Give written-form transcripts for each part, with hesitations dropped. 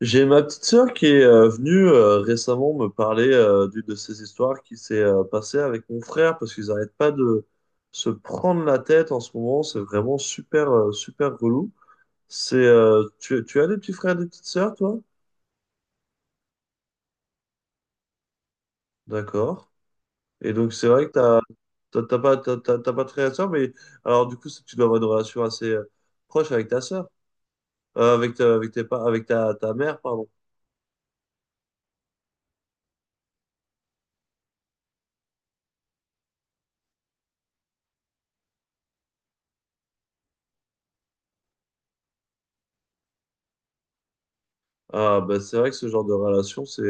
J'ai ma petite sœur qui est venue récemment me parler d'une de ces histoires qui s'est passée avec mon frère parce qu'ils n'arrêtent pas de se prendre la tête en ce moment. C'est vraiment super, super relou. Tu as des petits frères, des petites sœurs, toi? D'accord. Et donc, c'est vrai que t'as pas de frère et sœur, mais alors, du coup, que tu dois avoir une relation assez proche avec ta sœur. Avec, ta- avec tes, pa- Avec ta mère, pardon. Ah, bah, c'est vrai que ce genre de relation,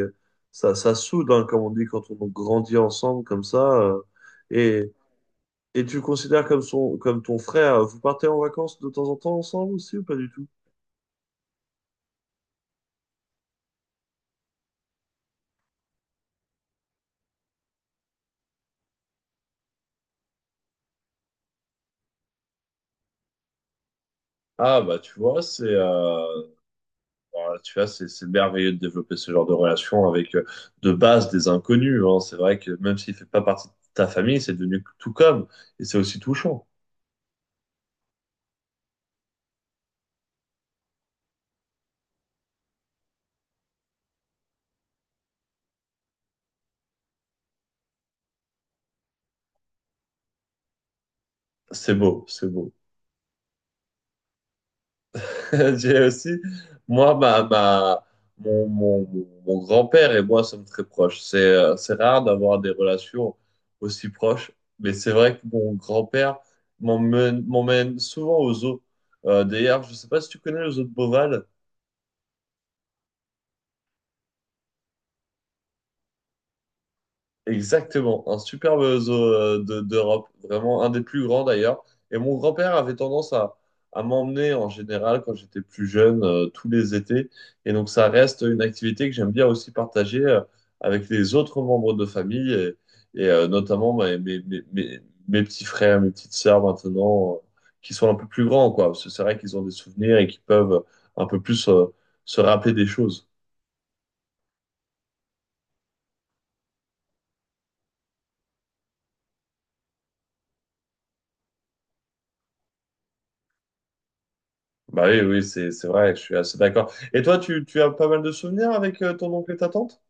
ça soude, hein, comme on dit, quand on grandit ensemble comme ça. Et, et tu le considères comme son, comme ton frère, vous partez en vacances de temps en temps ensemble aussi ou pas du tout? Ah bah tu vois c'est voilà, tu vois c'est merveilleux de développer ce genre de relation avec de base des inconnus, hein. C'est vrai que même s'il fait pas partie de ta famille c'est devenu tout comme. Et c'est aussi touchant. C'est beau, c'est beau. J'ai aussi, moi, mon, mon- mon- grand-père et moi sommes très proches. C'est rare d'avoir des relations aussi proches, mais c'est vrai que mon grand-père m'emmène souvent aux zoos. D'ailleurs, je ne sais pas si tu connais le zoo de Beauval. Exactement, un superbe zoo d'Europe, vraiment un des plus grands d'ailleurs. Et mon grand-père avait tendance à m'emmener en général quand j'étais plus jeune, tous les étés. Et donc ça reste une activité que j'aime bien aussi partager avec les autres membres de famille notamment mes petits frères, mes petites sœurs maintenant, qui sont un peu plus grands, quoi. Parce que c'est vrai qu'ils ont des souvenirs et qui peuvent un peu plus se rappeler des choses. Bah oui, oui, c'est vrai, je suis assez d'accord. Et toi, tu as pas mal de souvenirs avec ton oncle et ta tante?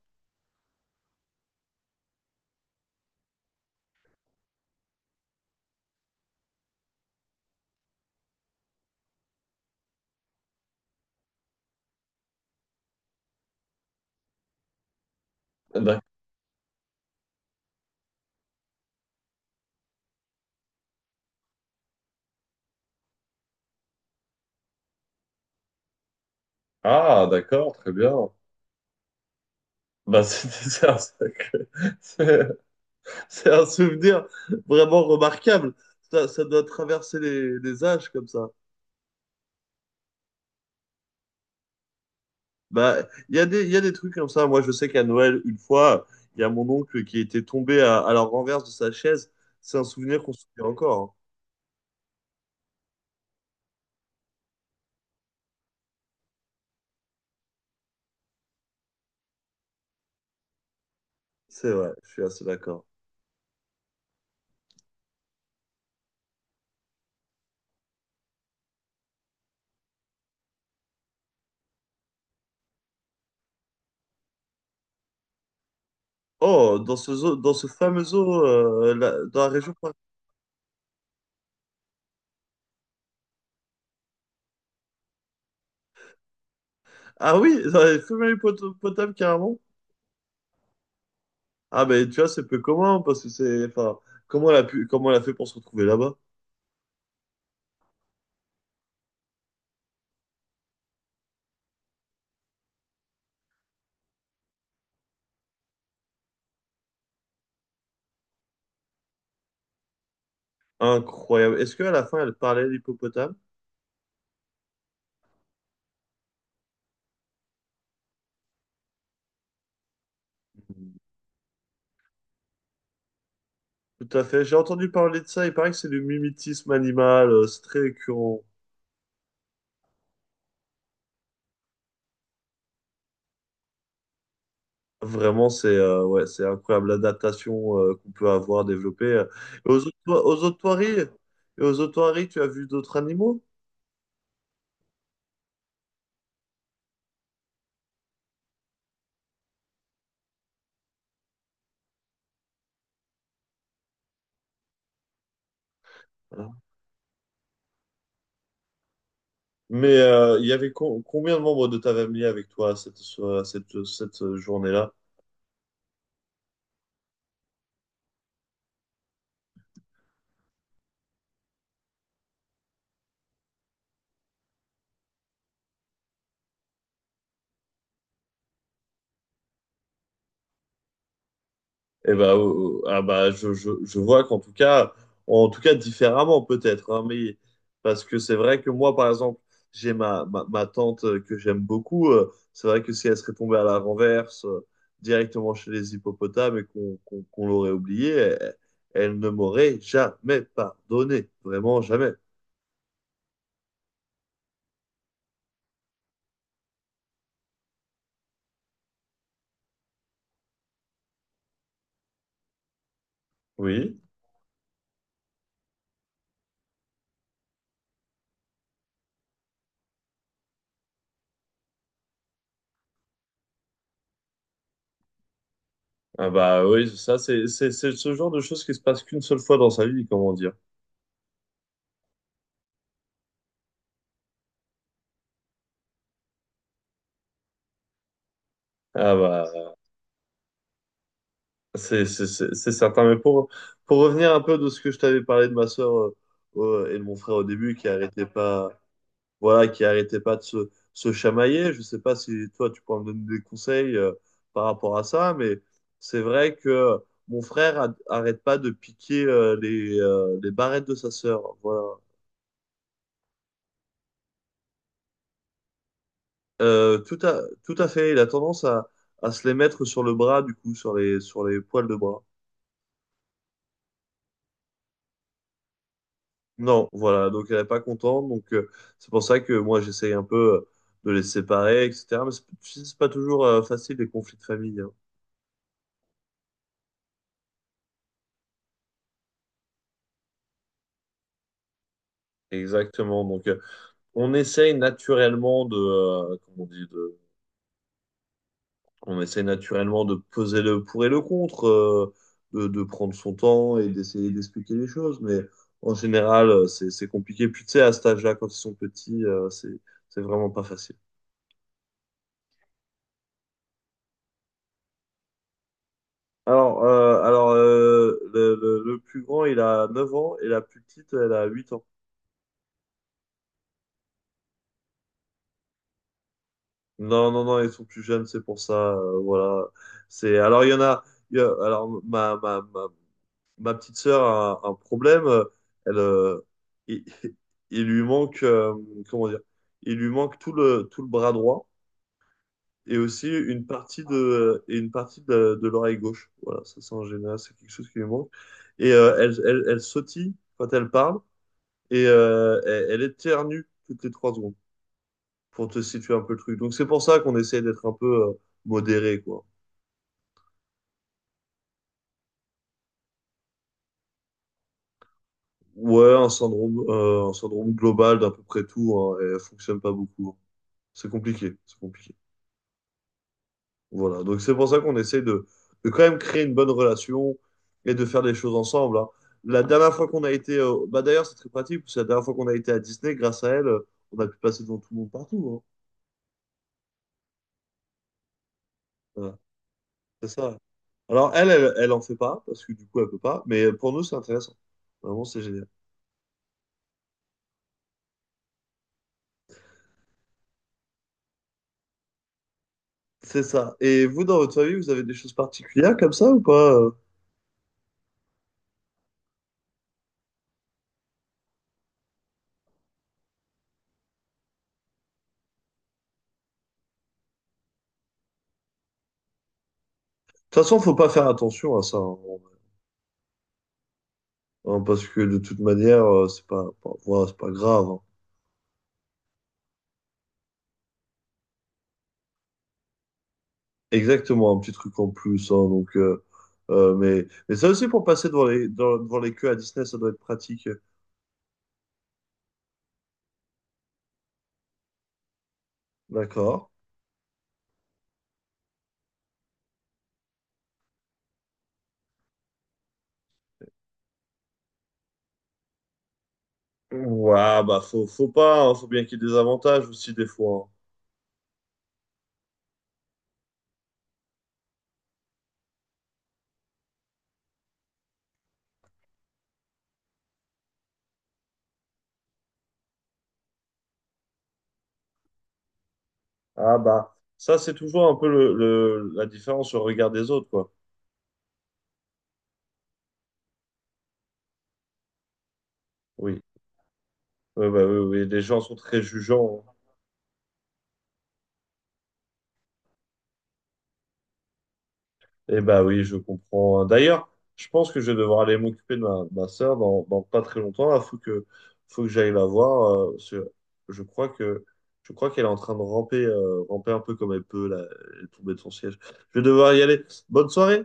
D'ac- Ah, d'accord, très bien. Bah, c'est c'est- c'est un souvenir vraiment remarquable. Ça doit traverser les âges comme ça. Bah, il y a des trucs comme ça. Moi, je sais qu'à Noël, une fois, il y a mon oncle qui était tombé à la renverse de sa chaise. C'est un souvenir qu'on se souvient encore, hein. C'est vrai, je suis assez d'accord. Oh, dans ce fameux zoo, dans la région. Ah oui, ça avait femelle potable carrément. Ah ben tu vois, c'est peu commun parce que c'est. Enfin, comment elle a fait pour se retrouver là-bas? Incroyable. Est-ce qu'à la fin elle parlait l'hippopotame? Tout à fait. J'ai entendu parler de ça. Il paraît que c'est du mimétisme animal. C'est très récurrent. Vraiment, c'est ouais, c'est incroyable l'adaptation, qu'on peut avoir développée. Et aux autres, aux otoiries, et aux otoiries, tu as vu d'autres animaux? Voilà. Mais il y avait combien de membres de ta famille avec toi à cette, so- à cette, cette journée-là? Eh ben, ah bah, je vois qu'en tout cas, en tout cas différemment peut-être, hein, mais parce que c'est vrai que moi, par exemple, j'ai ma tante que j'aime beaucoup. C'est vrai que si elle serait tombée à la renverse directement chez les hippopotames et qu'on l'aurait oubliée, elle, elle ne m'aurait jamais pardonné, vraiment jamais. Oui. Ah bah oui, ça c'est ce genre de choses qui se passe qu'une seule fois dans sa vie, comment dire. Ah bah. C'est certain, mais pour revenir un peu de ce que je t'avais parlé de ma sœur et de mon frère au début, qui arrêtait pas de se chamailler, je sais pas si toi tu pourras me donner des conseils par rapport à ça, mais c'est vrai que mon frère arrête pas de piquer les barrettes de sa sœur, voilà. Tout à fait, il a tendance à se les mettre sur le bras, du coup, sur sur les poils de bras. Non, voilà, donc elle n'est pas contente, donc c'est pour ça que moi j'essaye un peu de les séparer, etc. Mais c'est tu sais, c'est pas toujours facile les conflits de famille, hein. Exactement, donc on essaye naturellement de, comment on dit, on essaye naturellement de peser le pour et le contre, de prendre son temps et d'essayer d'expliquer les choses, mais en général c'est compliqué. Puis tu sais, à cet âge-là, quand ils sont petits, c'est vraiment pas facile. Alors, le plus grand, il a 9 ans et la plus petite, elle a 8 ans. Non, non, non, ils sont plus jeunes, c'est pour ça. Voilà. Alors, il y en a. Alors, ma petite sœur a un problème. Elle, euh, il, il lui manque, comment dire, il lui manque tout tout le bras droit et aussi une partie de l'oreille gauche. Voilà, c'est en général, c'est quelque chose qui lui manque. Et elle sautille quand elle parle. Et elle éternue toutes les 3 secondes pour te situer un peu le truc. Donc c'est pour ça qu'on essaie d'être un peu modéré, quoi. Ouais, un syndrome global d'à peu près tout, hein, et elle fonctionne pas beaucoup, hein. C'est compliqué, c'est compliqué. Voilà, donc c'est pour ça qu'on essaie de quand même créer une bonne relation et de faire des choses ensemble, hein. La dernière fois qu'on a été, Bah d'ailleurs c'est très pratique, parce que la dernière fois qu'on a été à Disney, grâce à elle, on a pu passer devant tout le monde partout, hein. Voilà. C'est ça. Alors, elle en fait pas, parce que du coup, elle peut pas, mais pour nous, c'est intéressant. Vraiment, c'est génial. C'est ça. Et vous, dans votre famille, vous avez des choses particulières comme ça ou pas? De toute façon, faut pas faire attention à ça, hein, hein, parce que de toute manière, c'est pas, pas- voilà, c'est pas grave, hein. Exactement, un petit truc en plus, hein, donc, mais ça aussi, pour passer devant devant les queues à Disney, ça doit être pratique. D'accord. Ouais, bah, faut pas, hein, faut bien qu'il y ait des avantages aussi, des fois, hein. Ah bah, ça c'est toujours un peu la différence au regard des autres, quoi. Oui. Ouais, bah, oui, oui, les gens sont très jugeants. Et bah oui, je comprends, hein. D'ailleurs, je pense que je vais devoir aller m'occuper de ma sœur dans pas très longtemps. Faut que j'aille la voir. Parce que je crois que, je crois qu'elle est en train de ramper, ramper un peu comme elle peut, là, elle est tombée de son siège. Je vais devoir y aller. Bonne soirée!